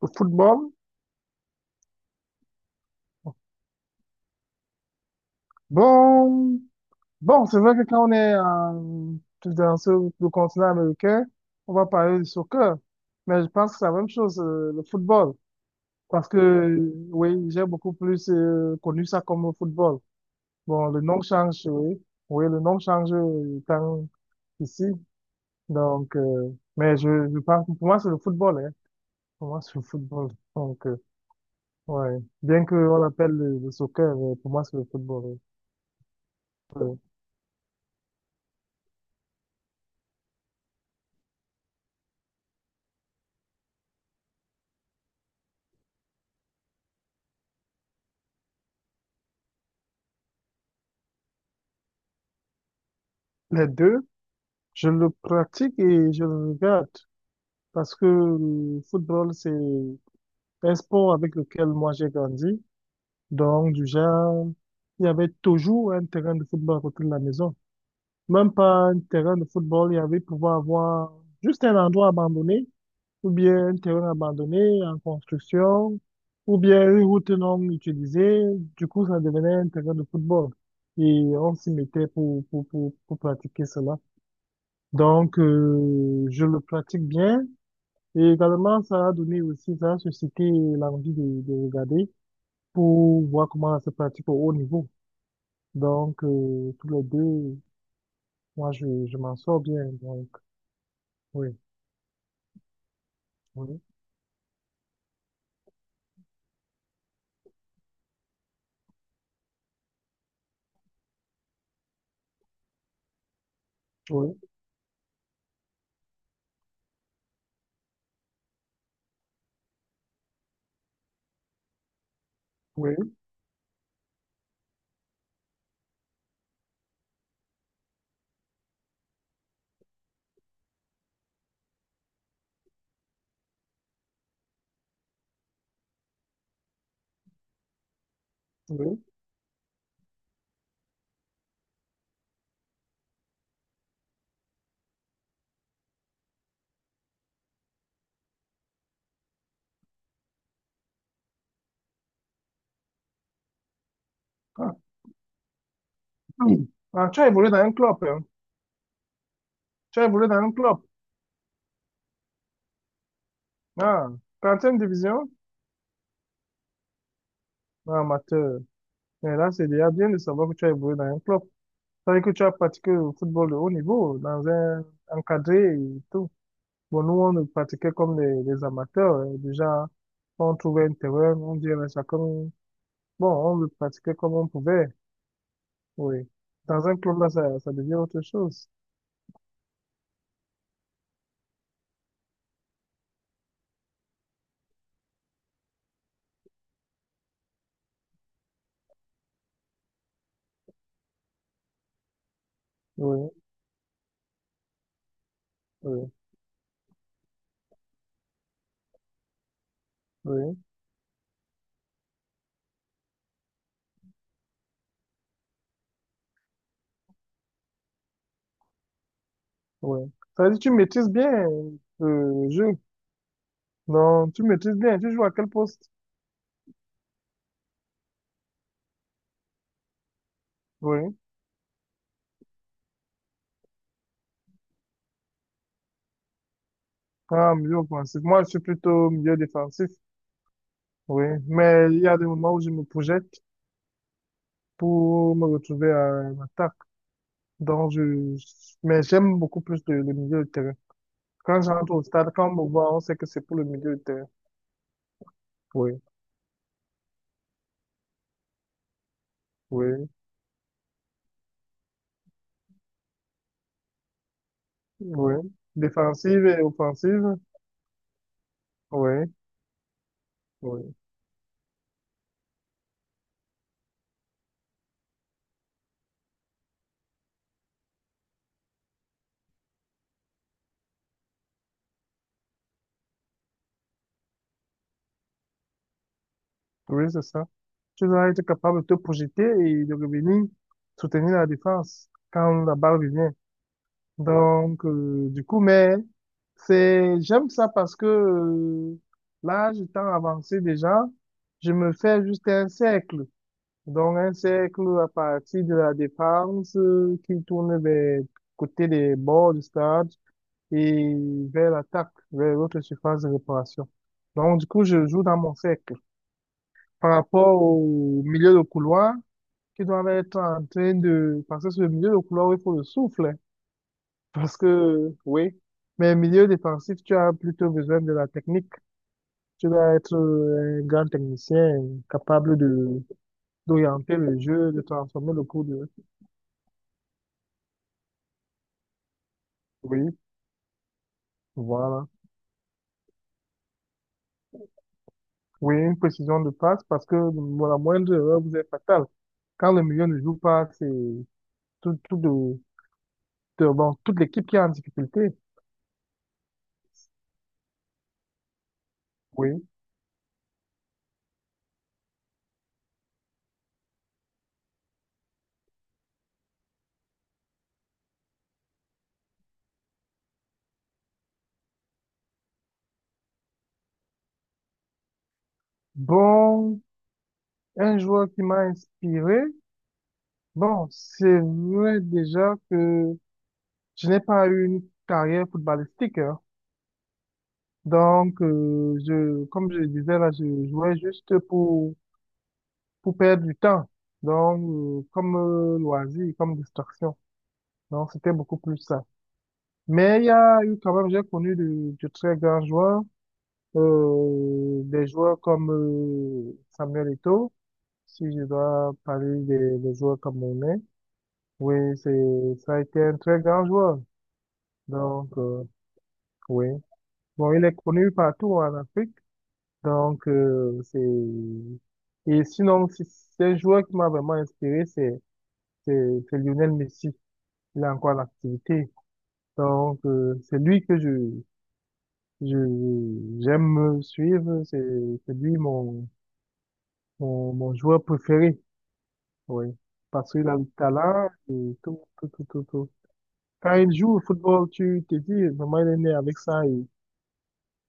Au football. Bon, bon, c'est vrai que quand on est dans le continent américain, on va parler du soccer. Mais je pense que c'est la même chose, le football. Parce que, oui, j'ai beaucoup plus connu ça comme le football. Bon, le nom change, oui. Oui, le nom change quand ici. Donc, euh, mais je pense que pour moi, c'est le football, hein. Pour moi, c'est le football. Donc, euh, ouais. Bien qu'on l'appelle le soccer, mais pour moi, c'est le football. Ouais, ouais. Les deux. Je le pratique et je le regarde, parce que le football, c'est un sport avec lequel moi j'ai grandi. Donc, du genre, il y avait toujours un terrain de football à côté de la maison. Même pas un terrain de football, il y avait pouvoir avoir juste un endroit abandonné, ou bien un terrain abandonné en construction, ou bien une route non utilisée. Du coup, ça devenait un terrain de football, et on s'y mettait pour pratiquer cela. Donc, je le pratique bien. Et également, ça a donné aussi, ça a suscité l'envie de regarder pour voir comment ça se pratique au haut niveau. Donc, tous les deux, moi, je m'en sors bien. Donc, oui, oui, oui, oui, oui. Ah. Ah, tu as évolué dans un club, hein. Tu as évolué dans un club. Ah, 30 division? Ah, amateur. Mais là, c'est déjà bien de savoir que tu as évolué dans un club. Ça veut dire que tu as pratiqué le football de haut niveau, dans un encadré et tout. Bon, nous, on le pratiquait comme des les amateurs, hein. Déjà, on trouvait un terrain, on dirait ça comme... Bon, on le pratiquait comme on pouvait, oui. Dans un club, là, ça devient autre chose. Oui, oui, oui, oui. Ça veut dire que tu maîtrises bien le jeu. Non, tu maîtrises bien. Tu joues à quel poste? Oui. Ah, milieu offensif. Moi, je suis plutôt milieu défensif. Oui. Mais il y a des moments où je me projette pour me retrouver à l'attaque. Donc, je... Mais j'aime beaucoup plus le milieu de terrain. Quand j'entre au stade, quand on me voit, on sait que c'est pour le milieu de terrain. Oui, oui, oui. Défensive et offensive. Oui, oui. Oui, c'est ça. Tu dois être capable de te projeter et de revenir soutenir la défense quand la balle revient. Mais c'est, j'aime ça parce que l'âge étant avancé déjà, je me fais juste un cercle. Donc, un cercle à partir de la défense qui tourne vers côté des bords du stade, et vers l'attaque, vers l'autre surface de réparation. Donc, du coup, je joue dans mon cercle. Par rapport au milieu de couloir, qui doit être en train de... Parce que sur le milieu de couloir, il faut le souffle, hein. Parce que, oui. Mais milieu défensif, tu as plutôt besoin de la technique. Tu dois être un grand technicien capable de d'orienter le jeu, de transformer le coup de... Oui. Voilà. Oui, une précision de passe, parce que bon, la moindre erreur vous est fatale. Quand le milieu ne joue pas, c'est tout, tout de, bon, toute l'équipe qui est en difficulté. Oui. Bon, un joueur qui m'a inspiré. Bon, c'est vrai déjà que je n'ai pas eu une carrière footballistique, hein. Donc, je, comme je le disais là, je jouais juste pour perdre du temps. Donc, comme loisir, comme distraction. Donc, c'était beaucoup plus ça. Mais il y a eu quand même, j'ai connu de très grands joueurs, des joueurs comme Samuel Eto'o, si je dois parler des joueurs camerounais. Oui, c'est, ça a été un très grand joueur. Donc, oui. Bon, il est connu partout en Afrique. Donc, euh, c'est, et sinon, c'est un joueur qui m'a vraiment inspiré, c'est Lionel Messi. Il est encore en activité. Donc, c'est lui que je, j'aime suivre, c'est lui mon joueur préféré, oui. Parce qu'il a le talent et tout, tout, tout, tout, tout. Quand il joue au football, tu te dis, vraiment, il est né avec ça, et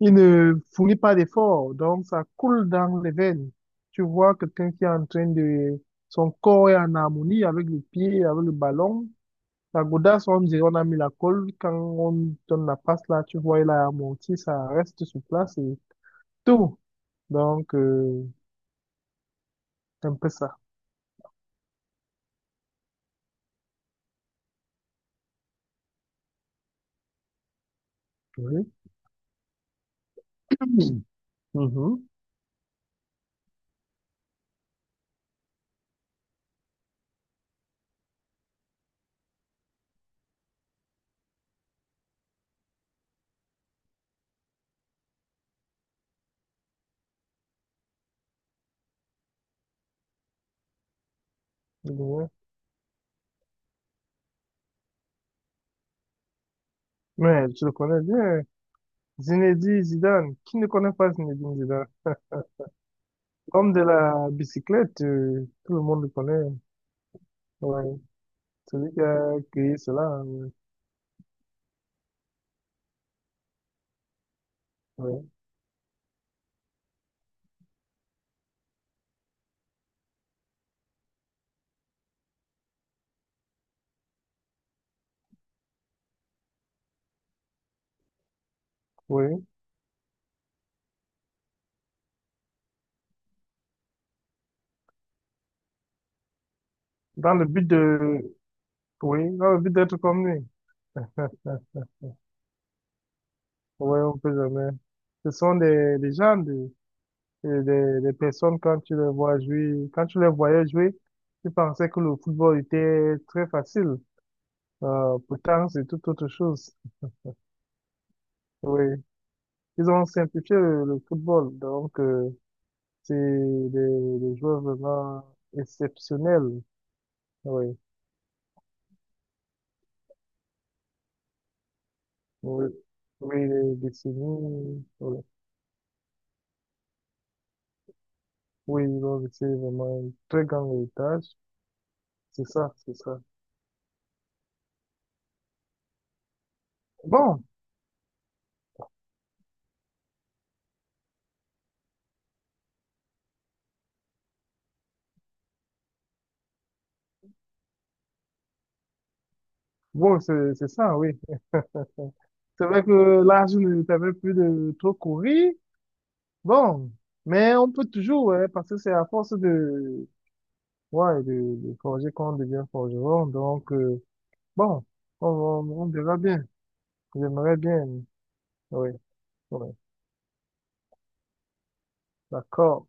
il ne fournit pas d'efforts, donc ça coule dans les veines. Tu vois quelqu'un qui est en train de... Son corps est en harmonie avec les pieds, avec le ballon. La godasse, on dirait, on a mis la colle. Quand on donne la passe là, tu vois, il a amorti, ça reste sur place et tout. Donc, euh, C'est un peu ça. Oui. Mhm. Mhm. Ouais. Mais je le connais bien. Zinedine Zidane. Qui ne connaît pas Zinedine Zidane? L'homme de la bicyclette, tout le monde le connaît. Ouais. Celui qui a créé cela, ouais. Oui. Dans le but de, oui, dans le but d'être comme lui. Oui, on peut jamais. Ce sont des gens, des personnes, quand tu les vois jouer, quand tu les voyais jouer, tu pensais que le football était très facile. Pourtant, c'est tout autre chose. Oui, ils ont simplifié le football, donc c'est des joueurs vraiment exceptionnels. Oui, oui, oui, les décennies, voilà. Oui, ils ont laissé vraiment un très grand héritage. C'est ça, c'est ça. Bon, bon, c'est ça, oui. C'est vrai que là, je ne savais plus de trop courir. Bon, mais on peut toujours, ouais, parce que c'est à force ouais, de forger qu'on devient forgeron. Donc, bon, on verra bien. J'aimerais bien. Oui, oui. D'accord.